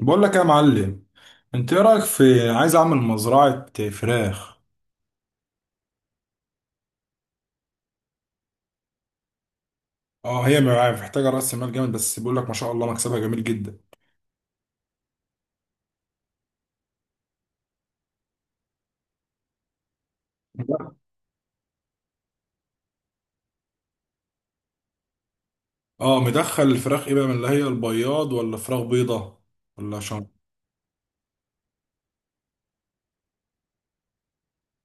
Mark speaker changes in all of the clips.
Speaker 1: بقول لك يا معلم، انت ايه رايك في عايز اعمل مزرعه فراخ. اه، هي معايا محتاجه راس مال جامد بس بقول لك ما شاء الله مكسبها جميل جدا. اه، مدخل الفراخ ايه بقى؟ من اللي هي البياض ولا فراخ بيضه ولا شن؟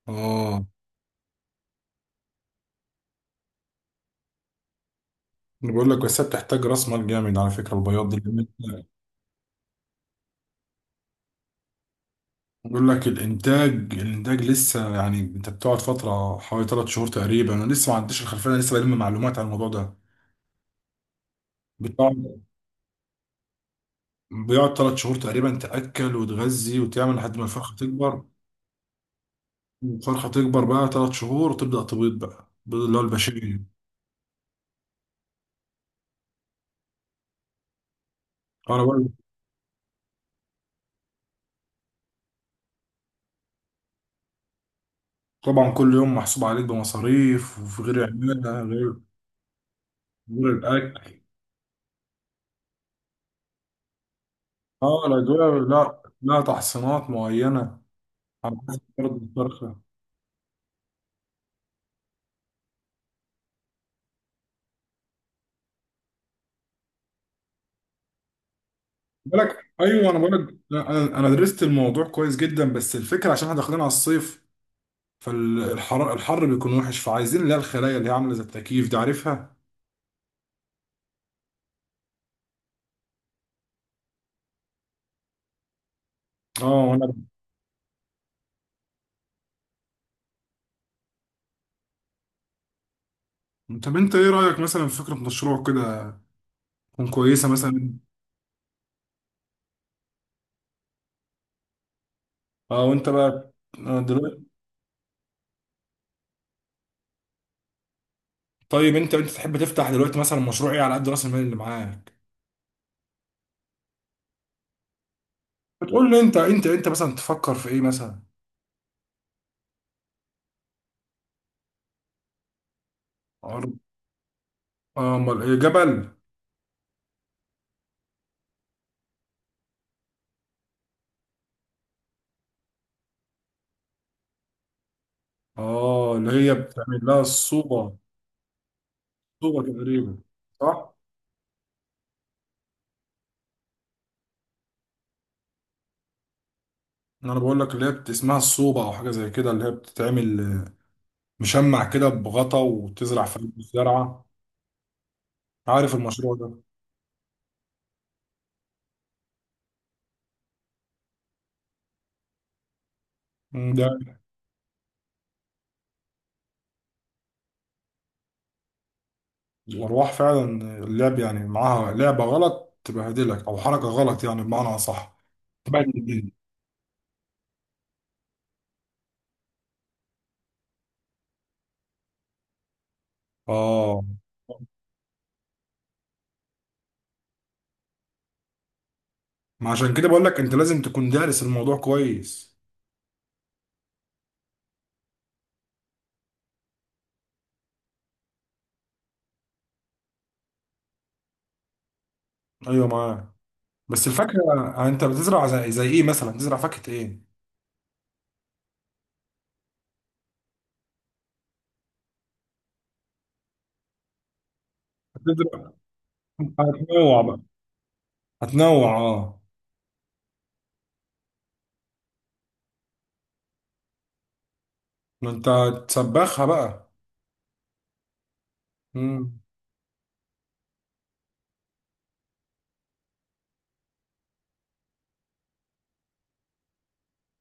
Speaker 1: اه، أنا بقول لك بس هي بتحتاج راس مال جامد على فكره البياض دي لأن أنت- بقول لك الانتاج لسه، يعني انت بتقعد فتره حوالي ثلاث شهور تقريبا. انا لسه ما عنديش الخلفيه، انا لسه بلم معلومات عن الموضوع ده. بتقعد، بيقعد ثلاث شهور تقريبا، تأكل وتغذي وتعمل لحد ما الفرخة تكبر. الفرخة تكبر بقى ثلاث شهور وتبدأ تبيض بقى البيض اللي هو البشري. أنا بقى طبعا كل يوم محسوب عليك بمصاريف، وفي غير العمالة، غير غير الأكل. اه، الأجواء، لا لا تحصينات معينة، على حسب برضه الفرخة. بالك. أيوه، أنا بقولك لا، أنا درست الموضوع كويس جدا، بس الفكرة عشان احنا داخلين على الصيف، فالحر بيكون وحش، فعايزين اللي هي الخلايا اللي هي عاملة زي التكييف دي، عارفها؟ اه، وانا. طب انت ايه رأيك مثلا في فكرة مشروع كده؟ تكون كويسة مثلا. اه، وانت بقى آه، دلوقتي. طيب انت، تحب تفتح دلوقتي مثلا مشروع ايه على قد راس المال اللي معاك؟ بتقول لي انت، انت مثلا تفكر في ايه مثلا؟ عرض. اه، امال ايه؟ جبل. اه، اللي هي بتعمل لها الصوبة. صوبة تقريبا. صح. انا بقول لك اللي هي اسمها الصوبة او حاجة زي كده، اللي هي بتتعمل آه، مشمع كده بغطا وتزرع في الزرعة. عارف المشروع ده؟ مم، ده الأرواح فعلا. اللعب يعني معاها لعبة غلط تبهدلك، أو حركة غلط يعني بمعنى أصح. تبهدلك. آه. ما عشان كده بقول لك أنت لازم تكون دارس الموضوع كويس. أيوه، معاك. بس الفاكهة يعني أنت بتزرع زي، إيه مثلا؟ بتزرع فاكهة إيه؟ بتزرع. هتنوع بقى. هتنوع، آه. ما أنت تسبخها بقى. مم.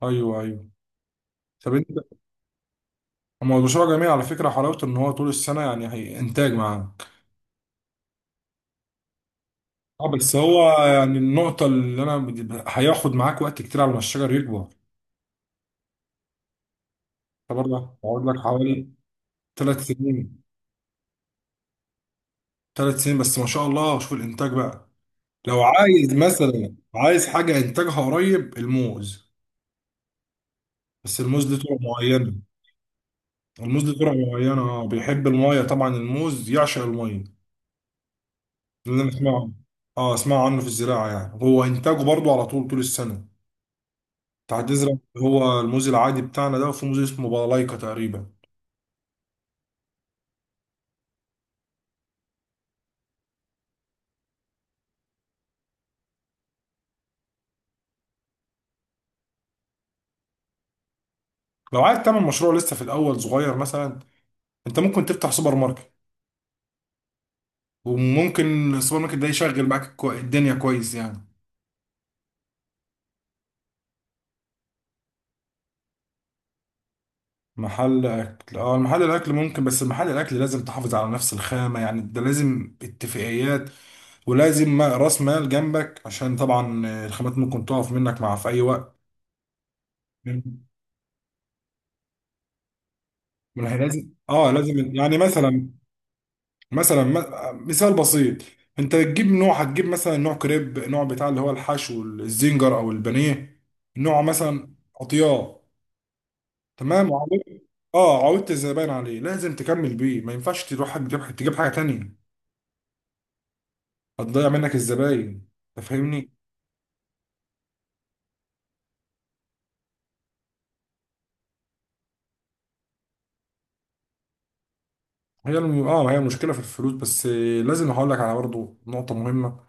Speaker 1: أيوه أيوه. طب أنت. هو البشرة جميل على فكرة، حلاوته إن هو طول السنة يعني هي إنتاج معاك. اه بس هو يعني النقطة اللي هياخد معاك وقت كتير على ما الشجر يكبر. أنت برضه هقعد لك حوالي ثلاث سنين. ثلاث سنين بس ما شاء الله شوف الإنتاج بقى. لو عايز مثلا، عايز حاجة إنتاجها قريب، الموز. بس الموز ليه طرق معينة. الموز ليه طرق معينة، اه، بيحب المية طبعا، الموز يعشق المية. ده اللي أنا أسمعه. اه، أسمع عنه في الزراعة، يعني هو إنتاجه برضه على طول، طول السنة. أنت هتزرع هو الموز العادي بتاعنا ده، وفي موز اسمه بالايكا تقريبا. لو عايز تعمل مشروع لسه في الاول صغير مثلا، انت ممكن تفتح سوبر ماركت. وممكن السوبر ماركت ده يشغل معاك الدنيا كويس يعني. محل اكل؟ اه، محل الاكل ممكن، بس محل الاكل لازم تحافظ على نفس الخامة، يعني ده لازم اتفاقيات، ولازم راس مال جنبك عشان طبعا الخامات ممكن تقف منك مع في اي وقت. ما هي لازم، اه لازم يعني مثلا، مثلا مثال بسيط. انت تجيب نوع، هتجيب مثلا نوع كريب، نوع بتاع اللي هو الحشو الزنجر او البانيه، نوع مثلا قطيان. تمام. وعملت، اه عودت الزباين عليه، لازم تكمل بيه. ما ينفعش تروح تجيب حاجه تانية. هتضيع منك الزباين. انت فاهمني. اه هي المشكله في الفلوس بس آه، لازم هقول لك على برضه نقطه مهمه.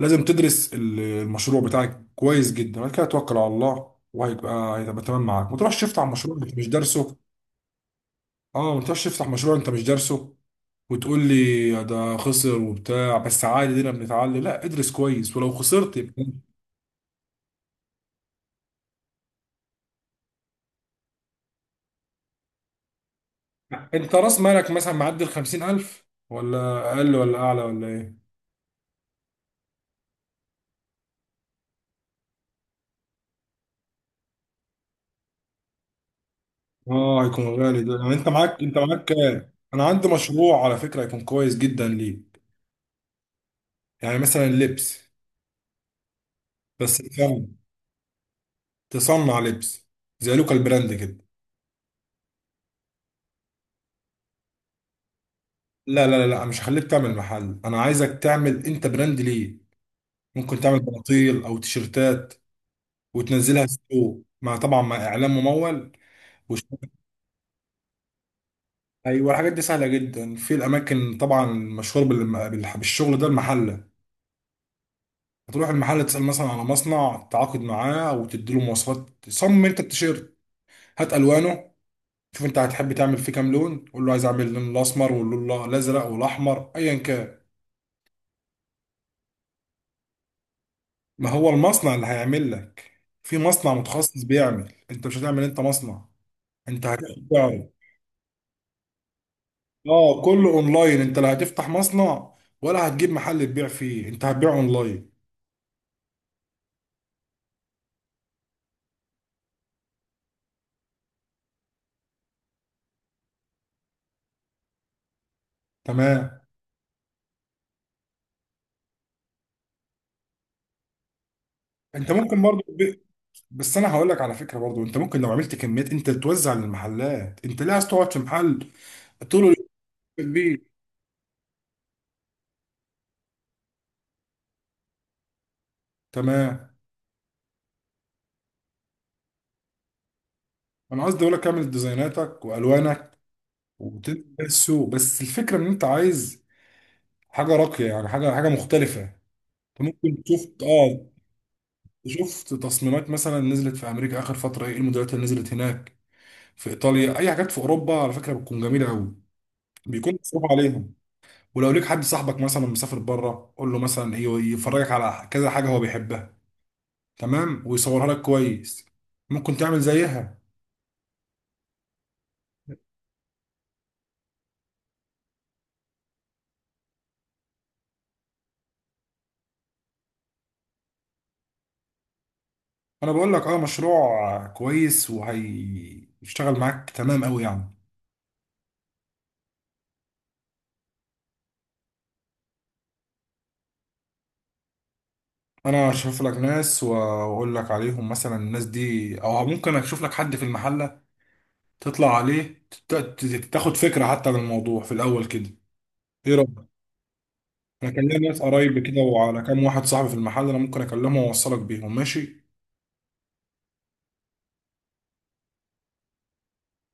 Speaker 1: لازم تدرس المشروع بتاعك كويس جدا، بعد كده توكل على الله وهيبقى تمام معاك. ما تروحش تفتح مشروع انت مش دارسه. اه ما تقدرش تفتح مشروع انت مش دارسه وتقول لي ده خسر وبتاع. بس عادي دينا بنتعلم، لا ادرس كويس ولو خسرت يبقى. انت راس مالك مثلا معدي ال 50,000 ولا اقل ولا اعلى ولا ايه؟ اه هيكون غالي ده، يعني انت معاك، انت معاك كام؟ انا عندي مشروع على فكرة هيكون كويس جدا ليك. يعني مثلا لبس، بس تفهم، تصنع لبس زي لوكال براند كده. لا لا لا لا، مش هخليك تعمل محل، انا عايزك تعمل انت براند ليه. ممكن تعمل بناطيل او تيشرتات وتنزلها ستور، مع طبعا مع اعلان ممول. وش... ايوه الحاجات دي سهله جدا، في الاماكن طبعا مشهور بالشغل ده المحله. هتروح المحل تسال مثلا على مصنع، تعاقد معاه وتدي له مواصفات. صمم انت التيشيرت، هات الوانه، شوف انت هتحب تعمل فيه كام لون. قول له عايز اعمل اللون الاسمر واللون الازرق والاحمر ايا كان. ما هو المصنع اللي هيعمل لك. في مصنع متخصص بيعمل، انت مش هتعمل انت مصنع، انت هتاخد. اه كله اونلاين، انت لا هتفتح مصنع ولا هتجيب محل تبيع فيه، انت هتبيع اونلاين. تمام. انت ممكن برضو بس انا هقول لك على فكره برضو انت ممكن لو عملت كميات انت توزع للمحلات. انت ليه عايز تقعد في محل طول اليوم؟ كبير. تمام. انا قصدي اقول لك اعمل ديزايناتك والوانك وتنزل بيها السوق. بس الفكره ان انت عايز حاجه راقيه، يعني حاجه مختلفه. انت ممكن تشوف، اه، شفت تصميمات مثلا نزلت في امريكا اخر فتره، ايه الموديلات اللي نزلت هناك؟ في ايطاليا، اي حاجات في اوروبا على فكره بتكون جميله قوي، بيكون مصروف عليهم. ولو ليك حد صاحبك مثلا مسافر بره، قول له مثلا ايه، يفرجك على كذا حاجه هو بيحبها، تمام، ويصورها لك كويس، ممكن تعمل زيها. انا بقول لك اه مشروع كويس وهيشتغل معاك تمام قوي يعني. انا اشوف لك ناس واقول لك عليهم، مثلا الناس دي، او ممكن اشوف لك حد في المحله تطلع عليه تاخد فكره حتى عن الموضوع في الاول كده. ايه رأيك؟ انا كان ليا ناس قرايب كده، وعلى كام واحد صاحبي في المحل، انا ممكن اكلمهم واوصلك بيهم ماشي.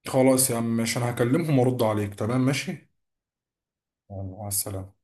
Speaker 1: خلاص يا عم ماشي، انا هكلمهم وارد عليك تمام ماشي. يلا مع السلامة.